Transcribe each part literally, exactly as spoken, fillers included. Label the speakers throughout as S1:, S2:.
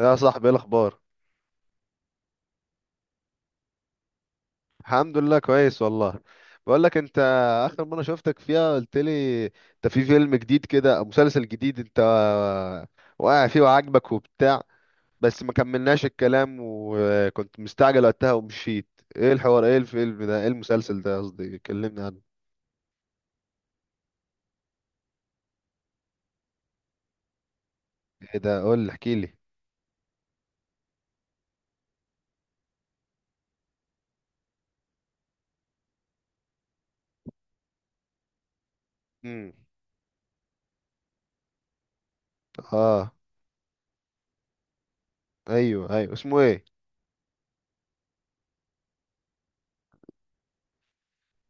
S1: يا صاحبي ايه الاخبار؟ الحمد لله كويس والله. بقول لك انت، اخر مره شفتك فيها قلت لي انت في فيلم جديد كده أو مسلسل جديد انت واقع فيه وعاجبك وبتاع، بس ما كملناش الكلام وكنت مستعجل وقتها ومشيت. ايه الحوار؟ ايه الفيلم ده؟ ايه المسلسل ده؟ قصدي كلمني عنه. ايه ده؟ قول لي، احكي لي. امم اه ايوه ايوه اسمه ايه؟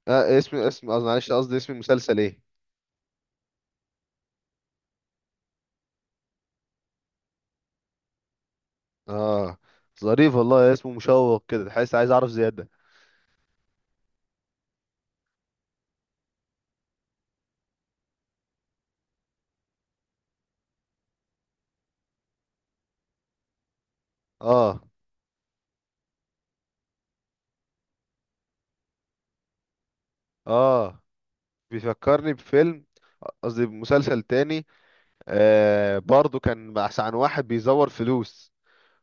S1: آه اسم اسم قصدي معلش قصدي اسم المسلسل ايه؟ اه، ظريف والله، اسمه مشوق كده، تحس عايز اعرف زياده. اه اه بيفكرني بفيلم، قصدي مسلسل تاني. آه برضو كان بحث عن واحد بيزور فلوس،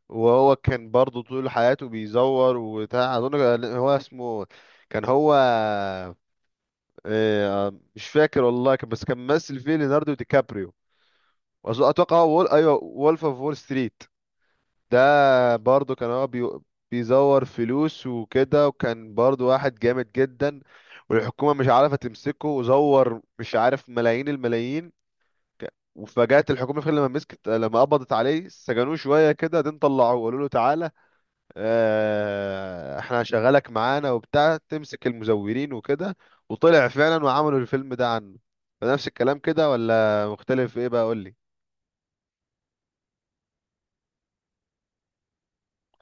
S1: وهو كان برضو طول حياته بيزور وبتاع، اظن كان هو اسمه، كان هو آه مش فاكر والله، كان- بس كان ممثل فيه ليوناردو دي كابريو. وأظن- اتوقع هو وول ايوه وولف اوف وول ستريت. ده برضو كان هو بي... بيزور فلوس وكده، وكان برضو واحد جامد جدا، والحكومة مش عارفة تمسكه، وزور مش عارف ملايين الملايين. ك- وفجأت الحكومة في لما مسكت، لما قبضت عليه سجنوه شوية كده، دين طلعوه وقالوا له تعالى آه، احنا هنشغلك معانا وبتاع، تمسك المزورين وكده، وطلع فعلا وعملوا الفيلم ده عنه. فنفس الكلام كده ولا مختلف؟ ايه بقى قولي.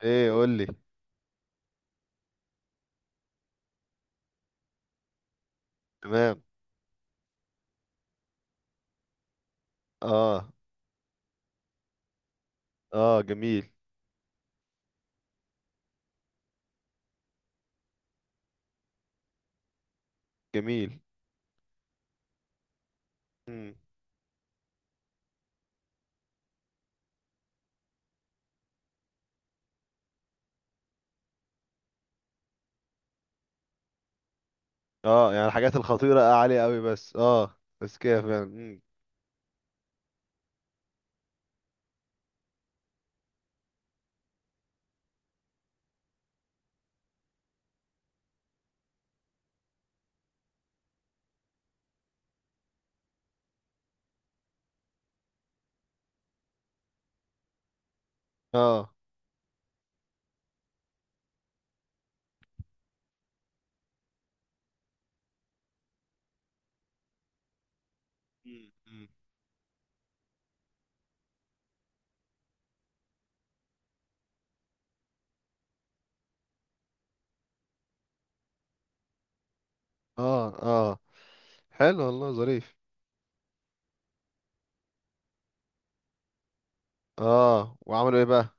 S1: ايه قولي. تمام. اه اه، جميل. جميل. مم. اه يعني الحاجات الخطيرة عالية قوي، بس اه بس كده فعلا. مم. اه. مم. مم. اه اه، حلو والله، ظريف. اه وعملوا ايه بقى؟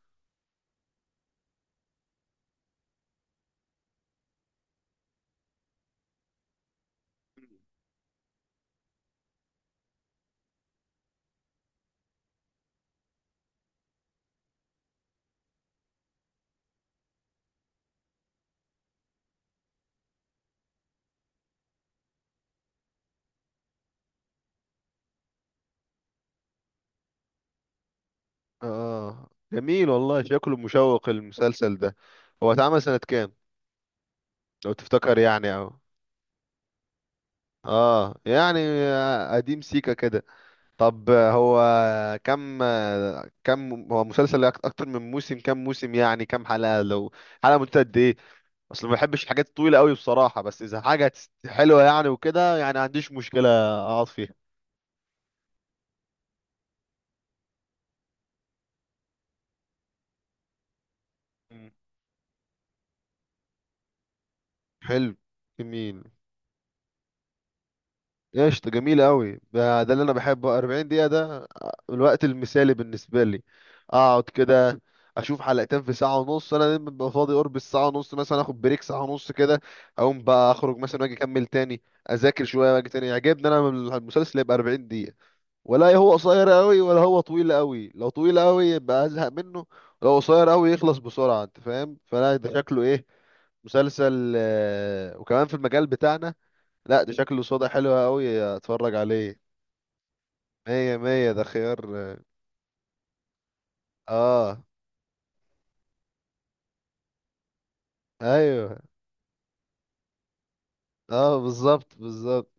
S1: اه. آه. جميل والله، شكله مشوق المسلسل ده. هو اتعمل سنة كام، لو تفتكر يعني او؟ اه يعني قديم، سيكا كده. طب هو كم، كم هو مسلسل أك- اكتر من موسم؟ كم موسم يعني؟ كم حلقة؟ لو حلقة مدتها قد ايه؟ اصل ما بحبش الحاجات الطويله قوي بصراحه، بس اذا حاجه هتست- حلوه يعني وكده يعني ما عنديش مشكله اقعد فيها. مم. حلو. جميل. قشطة، جميل قوي ده، ده اللي انا بحبه، أربعين دقيقة ده الوقت المثالي بالنسبة لي. اقعد كده اشوف حلقتين في ساعة ونص، انا دايما ببقى فاضي قرب الساعة ونص، مثلا اخد بريك ساعة ونص كده، اقوم بقى اخرج مثلا واجي اكمل تاني، اذاكر شوية واجي تاني. يعجبني انا المسلسل يبقى أربعين دقيقة، ولا هو قصير قوي ولا هو طويل قوي. لو طويل قوي يبقى ازهق منه، لو قصير قوي يخلص بسرعة، انت فاهم؟ فلا ده شكله ايه، مسلسل آه، وكمان في المجال بتاعنا. لا ده شكله صدى حلو قوي، اتفرج عليه. مية مية، ده خيار. اه. ايوه. اه بالظبط بالظبط.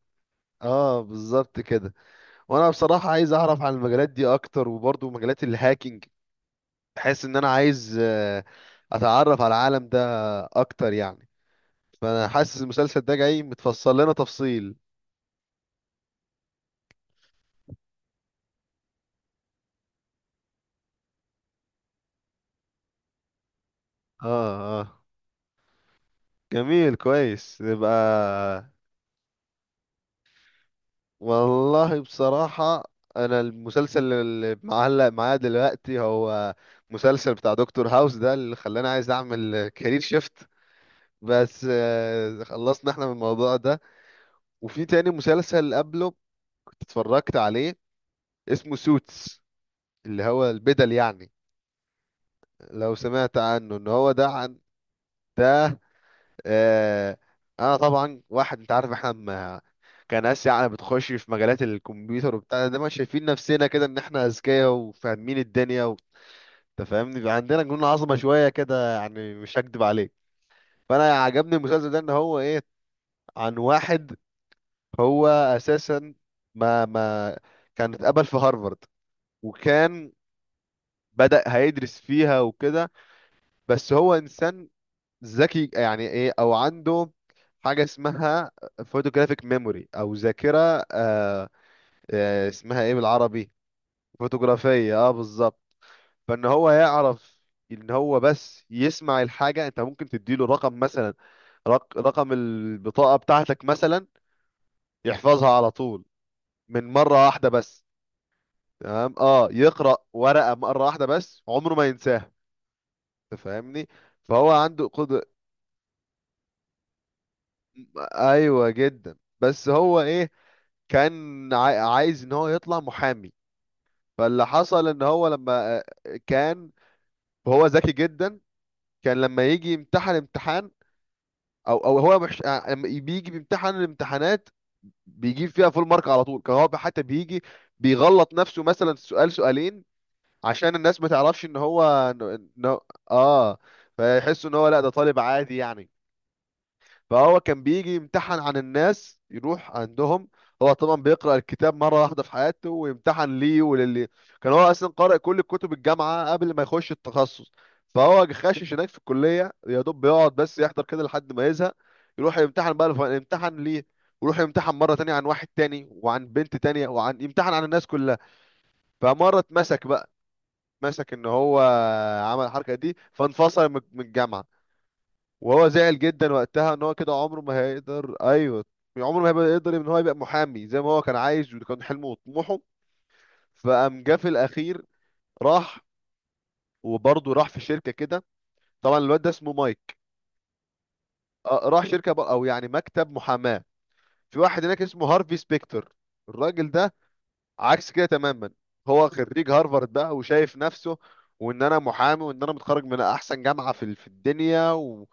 S1: اه بالظبط كده. وانا بصراحة عايز اعرف عن المجالات دي اكتر، وبرضو مجالات الهاكينج، بحس ان انا عايز آه، اتعرف على العالم ده اكتر يعني. فانا حاسس المسلسل ده جاي متفصل لنا تفصيل. اه اه. جميل، كويس يبقى. والله بصراحة، انا المسلسل اللي معلق معايا دلوقتي هو مسلسل بتاع دكتور هاوس، ده اللي خلاني عايز اعمل كارير شيفت، بس آه، خلصنا احنا من الموضوع ده. وفي تاني مسلسل قبله كنت اتفرجت عليه، اسمه سوتس، اللي هو البدل يعني. لو سمعت عنه، ان هو ده عن، ده آه، انا طبعا واحد، انت عارف احنا ما كان اسيا يعني بتخش في مجالات الكمبيوتر وبتاع ده، ما شايفين نفسنا كده ان احنا اذكياء وفاهمين الدنيا و- انت فاهمني، بيبقى عندنا جنون عظمه شويه كده يعني، مش هكدب عليك. فانا عجبني المسلسل ده ان هو ايه، عن واحد، هو اساسا ما ما كان اتقبل في هارفارد، وكان بدأ هيدرس فيها وكده، بس هو انسان ذكي يعني، ايه او عنده حاجه اسمها فوتوجرافيك ميموري، او ذاكره آه آه اسمها ايه بالعربي، فوتوغرافيه، اه بالظبط. فان هو يعرف ان هو بس يسمع الحاجه، انت ممكن تديله رقم مثلا، رق رقم البطاقه بتاعتك مثلا، يحفظها على طول من مره واحده بس. تمام. اه يقرا ورقه مره واحده بس عمره ما ينساها، تفهمني؟ فهو عنده قدر. ايوه جدا، بس هو ايه، كان عاي- عايز ان هو يطلع محامي. فاللي حصل ان هو لما آه، كان، وهو ذكي جدا، كان لما يجي يمتحن امتحان، او او هو مش آه، لما بيجي بيمتحن الامتحانات بيجيب فيها فول مارك على طول، كان هو حتى بيجي بيغلط نفسه مثلا سؤال سؤالين عشان الناس ما تعرفش ان هو إن- إن- اه فيحسوا ان هو لا ده طالب عادي يعني. فهو كان بيجي يمتحن عن الناس، يروح عندهم، هو طبعا بيقرأ الكتاب مرة واحدة في حياته ويمتحن ليه وللي، كان هو أصلا قارئ كل كتب الجامعة قبل ما يخش التخصص. فهو خاشش هناك في الكلية يا دوب بيقعد بس يحضر كده لحد ما يزهق، يروح يمتحن بقى الف- يمتحن ليه، ويروح يمتحن مرة تانية عن واحد تاني وعن بنت تانية وعن، يمتحن عن الناس كلها. فمرة اتمسك بقى، مسك ان هو عمل الحركة دي، فانفصل من من الجامعة. وهو زعل جدا وقتها ان هو كده عمره ما هيقدر، ايوه، عمره ما هيبقى يقدر ان هو يبقى محامي زي ما هو كان عايز، وده كان حلمه وطموحه. فقام جه في الاخير، راح، وبرضه راح في شركه كده. طبعا الواد ده اسمه مايك. آه، راح شركه بقى، او يعني مكتب محاماه، في واحد هناك اسمه هارفي سبيكتر. الراجل ده عكس كده تماما، هو خريج هارفارد بقى وشايف نفسه وان انا محامي وان انا متخرج من احسن جامعه في في الدنيا و...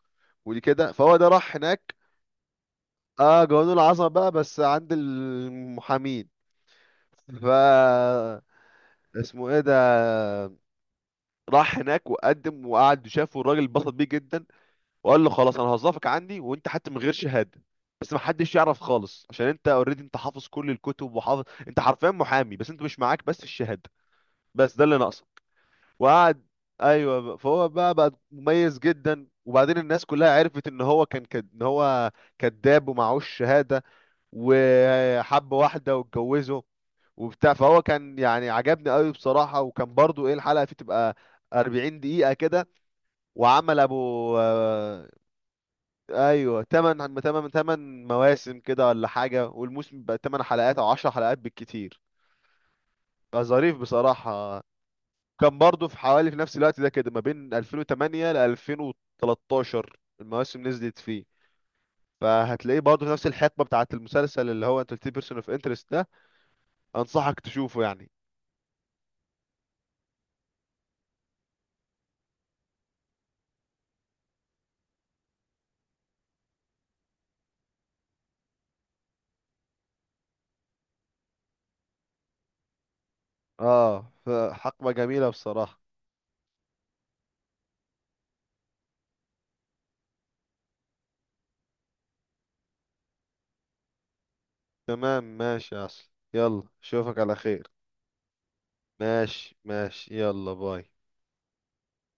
S1: ودي كده. فهو ده راح هناك، اه قانون العصب بقى بس عند المحامين. ف اسمه ايه ده، راح هناك وقدم وقعد، وشافه الراجل اتبسط بيه جدا، وقال له خلاص انا هوظفك عندي، وانت حتى من غير شهاده، بس ما حدش يعرف خالص، عشان انت اوريدي انت حافظ كل الكتب وحافظ، انت حرفيا محامي، بس انت مش معاك بس الشهاده، بس ده اللي ناقصك. وقعد، ايوه بقى. فهو بقى بقى مميز جدا، وبعدين الناس كلها عرفت ان هو كان كد... ان هو كذاب ومعهوش شهاده. وحب واحدة واتجوزوا وبتاع. فهو كان يعني عجبني قوي بصراحة، وكان برضو ايه، الحلقة فيه تبقى أربعين دقيقة كده، وعمل ابو آه، ايوه تمانية تمانية تمانية مواسم كده ولا حاجة، والموسم بقى تمن حلقات او عشرة حلقات بالكتير. فظريف بصراحة. كان برضو في حوالي في نفس الوقت ده كده، ما بين ألفين وتمانية ل ألفين وتلاتة عشر المواسم نزلت فيه، فهتلاقيه برضه نفس الحقبة بتاعت المسلسل اللي هو انت قلت بيرسون اوف انترست ده. انصحك تشوفه يعني. اه فحقبة جميلة بصراحة. تمام، ماشي يا أصل، يلا أشوفك على خير. ماشي ماشي، يلا باي.